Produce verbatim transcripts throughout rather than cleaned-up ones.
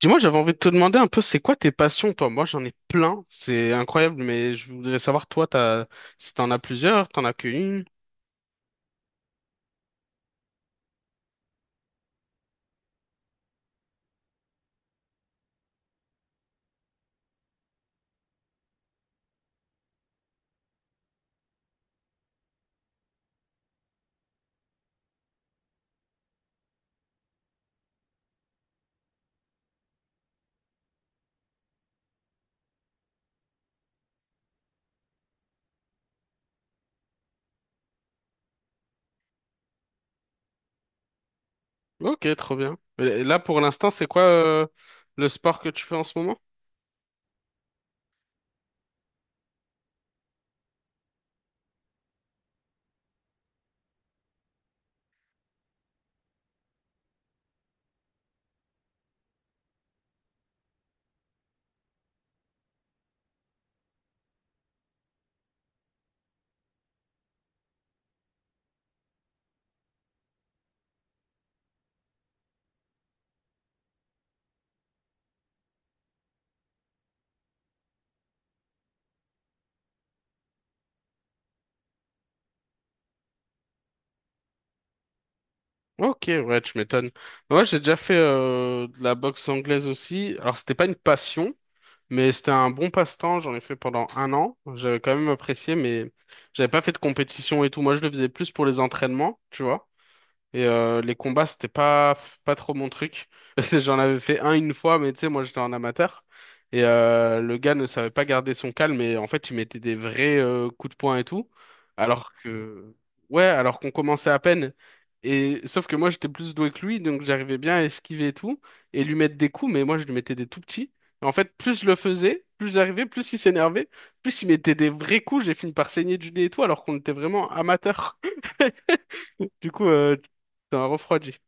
Dis-moi, j'avais envie de te demander un peu, c'est quoi tes passions, toi? Moi, j'en ai plein, c'est incroyable, mais je voudrais savoir, toi, t'as, si t'en as plusieurs, t'en as qu'une. Ok, trop bien. Et là, pour l'instant, c'est quoi, euh, le sport que tu fais en ce moment? Ok, ouais, tu m'étonnes. Moi, j'ai déjà fait, euh, de la boxe anglaise aussi. Alors, c'était pas une passion, mais c'était un bon passe-temps. J'en ai fait pendant un an. J'avais quand même apprécié, mais j'avais pas fait de compétition et tout. Moi, je le faisais plus pour les entraînements, tu vois. Et euh, les combats, c'était pas, pas trop mon truc. Parce que j'en avais fait un une fois, mais tu sais, moi j'étais en amateur. Et euh, le gars ne savait pas garder son calme et en fait, il mettait des vrais euh, coups de poing et tout. Alors que, ouais, alors qu'on commençait à peine. Et sauf que moi, j'étais plus doué que lui, donc j'arrivais bien à esquiver et tout, et lui mettre des coups, mais moi, je lui mettais des tout petits. Et en fait, plus je le faisais, plus j'arrivais, plus il s'énervait, plus il mettait des vrais coups, j'ai fini par saigner du nez et tout, alors qu'on était vraiment amateurs. Du coup, euh, Ça m'a refroidi.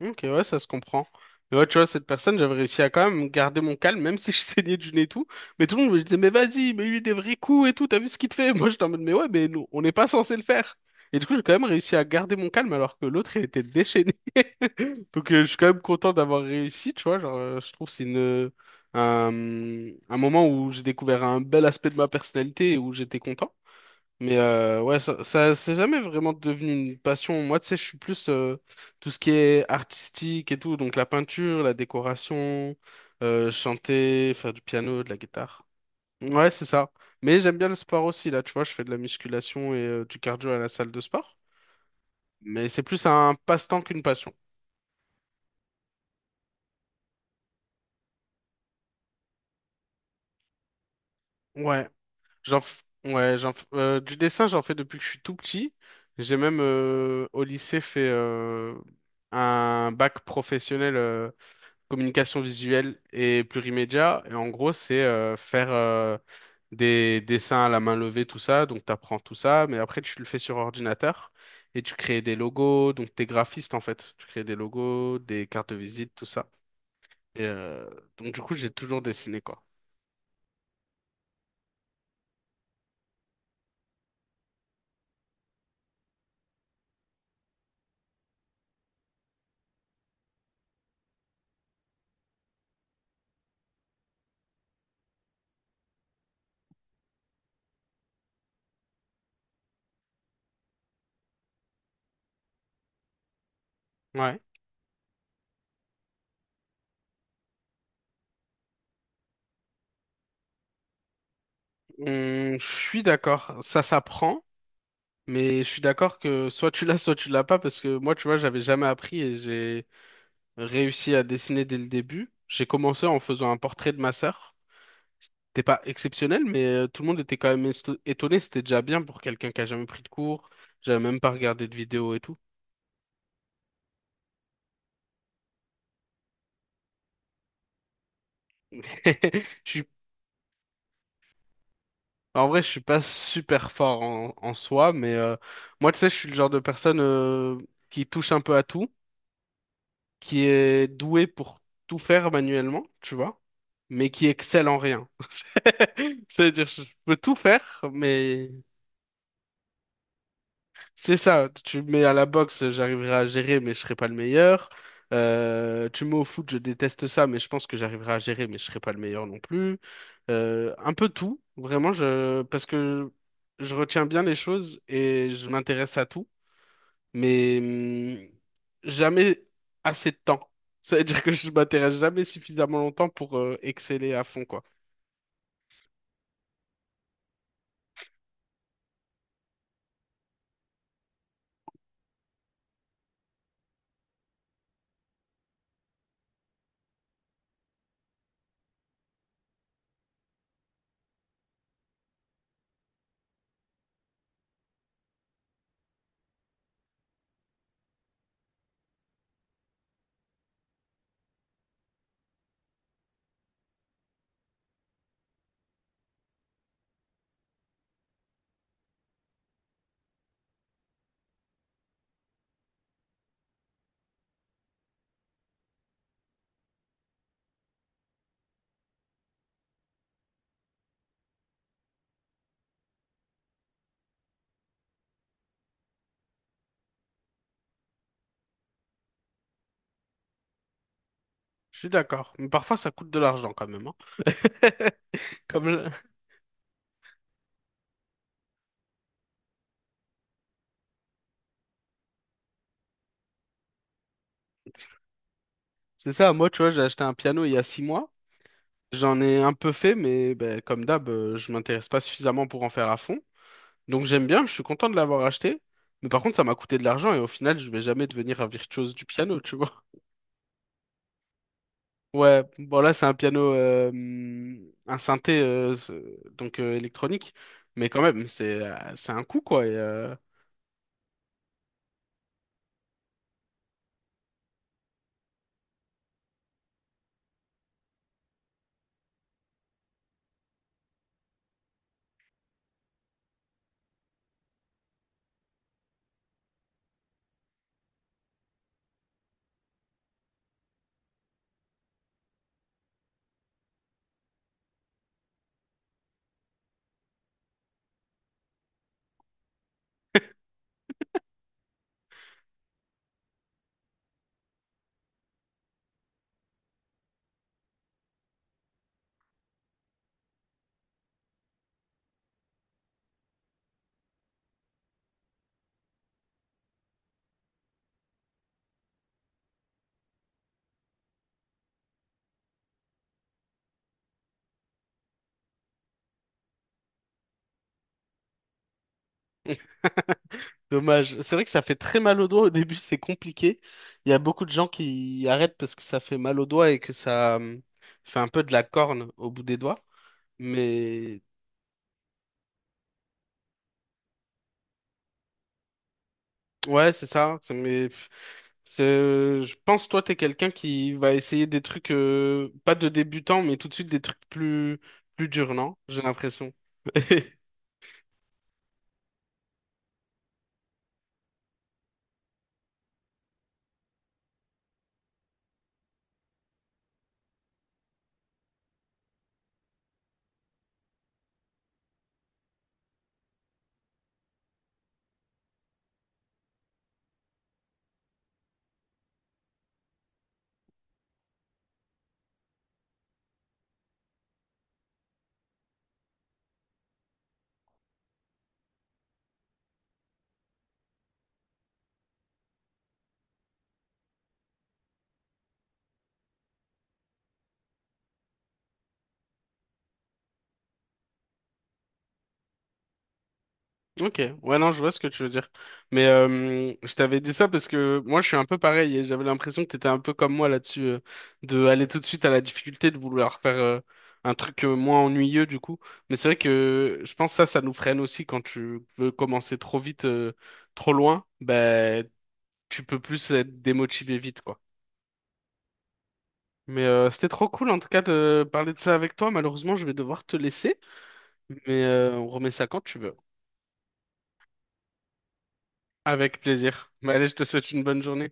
Ok, ouais, ça se comprend. Mais ouais, tu vois, cette personne, j'avais réussi à quand même garder mon calme, même si je saignais du nez et tout. Mais tout le monde me disait, mais vas-y, mais lui des vrais coups et tout, t'as vu ce qu'il te fait? Moi, j'étais en mode, mais ouais, mais nous, on n'est pas censé le faire. Et du coup, j'ai quand même réussi à garder mon calme alors que l'autre, il était déchaîné. Donc, euh, je suis quand même content d'avoir réussi, tu vois. Genre, euh, je trouve que c'est une, euh, un, un moment où j'ai découvert un bel aspect de ma personnalité et où j'étais content. Mais euh, ouais, ça, ça c'est jamais vraiment devenu une passion. Moi, tu sais, je suis plus euh, tout ce qui est artistique et tout, donc la peinture, la décoration, euh, chanter, faire du piano, de la guitare. Ouais, c'est ça. Mais j'aime bien le sport aussi, là, tu vois, je fais de la musculation et euh, du cardio à la salle de sport. Mais c'est plus un passe-temps qu'une passion. Ouais, j'en f- ouais, j'en f- euh, du dessin, j'en fais depuis que je suis tout petit. J'ai même euh, au lycée fait euh, un bac professionnel. Euh, communication visuelle et plurimédia. Et en gros, c'est euh, faire euh, des dessins à la main levée, tout ça. Donc, tu apprends tout ça, mais après, tu le fais sur ordinateur et tu crées des logos. Donc, t'es graphiste, en fait. Tu crées des logos, des cartes de visite, tout ça. Et, euh, donc, du coup, j'ai toujours dessiné, quoi. Ouais. Hum, je suis d'accord, ça s'apprend, mais je suis d'accord que soit tu l'as, soit tu l'as pas, parce que moi, tu vois, j'avais jamais appris et j'ai réussi à dessiner dès le début. J'ai commencé en faisant un portrait de ma sœur. C'était pas exceptionnel, mais euh, tout le monde était quand même esto- étonné. C'était déjà bien pour quelqu'un qui a jamais pris de cours. J'avais même pas regardé de vidéos et tout. Je suis, En vrai, je suis pas super fort en, en soi, mais euh, moi, tu sais, je suis le genre de personne euh, qui touche un peu à tout, qui est doué pour tout faire manuellement, tu vois, mais qui excelle en rien. C'est-à-dire, je peux tout faire, mais c'est ça. Tu me mets à la boxe, j'arriverai à gérer, mais je serai pas le meilleur. Euh, tu me mets au foot, je déteste ça, mais je pense que j'arriverai à gérer, mais je serai pas le meilleur non plus. Euh, un peu tout, vraiment, je, parce que je retiens bien les choses et je m'intéresse à tout mais hum, jamais assez de temps. Ça veut dire que je m'intéresse jamais suffisamment longtemps pour euh, exceller à fond, quoi. Je suis d'accord. Mais parfois, ça coûte de l'argent quand même, hein. Comme je- C'est ça, moi, tu vois, j'ai acheté un piano il y a six mois. J'en ai un peu fait, mais ben, comme d'hab, euh, je m'intéresse pas suffisamment pour en faire à fond. Donc j'aime bien, je suis content de l'avoir acheté. Mais par contre, ça m'a coûté de l'argent et au final, je vais jamais devenir un virtuose du piano, tu vois. Ouais, bon là c'est un piano, euh, hum, un synthé euh, ce- donc euh, électronique, mais quand même c'est euh, c'est un coup quoi. Et, euh, dommage. C'est vrai que ça fait très mal au doigt au début, c'est compliqué. Il y a beaucoup de gens qui arrêtent parce que ça fait mal au doigt et que ça hum, fait un peu de la corne au bout des doigts. Mais Ouais, c'est ça. c'est- Mais pff, c'est- je pense toi, t'es quelqu'un qui va essayer des trucs euh, pas de débutant, mais tout de suite des trucs plus plus durs, non? J'ai l'impression. Ok, ouais, non, je vois ce que tu veux dire. Mais euh, je t'avais dit ça parce que moi, je suis un peu pareil et j'avais l'impression que t'étais un peu comme moi là-dessus, euh, de aller tout de suite à la difficulté, de vouloir faire euh, un truc euh, moins ennuyeux du coup. Mais c'est vrai que je pense que ça, ça nous freine aussi quand tu veux commencer trop vite, euh, trop loin. Ben, tu peux plus être démotivé vite, quoi. Mais euh, c'était trop cool en tout cas de parler de ça avec toi. Malheureusement, je vais devoir te laisser, mais euh, on remet ça quand tu veux. Avec plaisir. Mais allez, je te souhaite une bonne journée.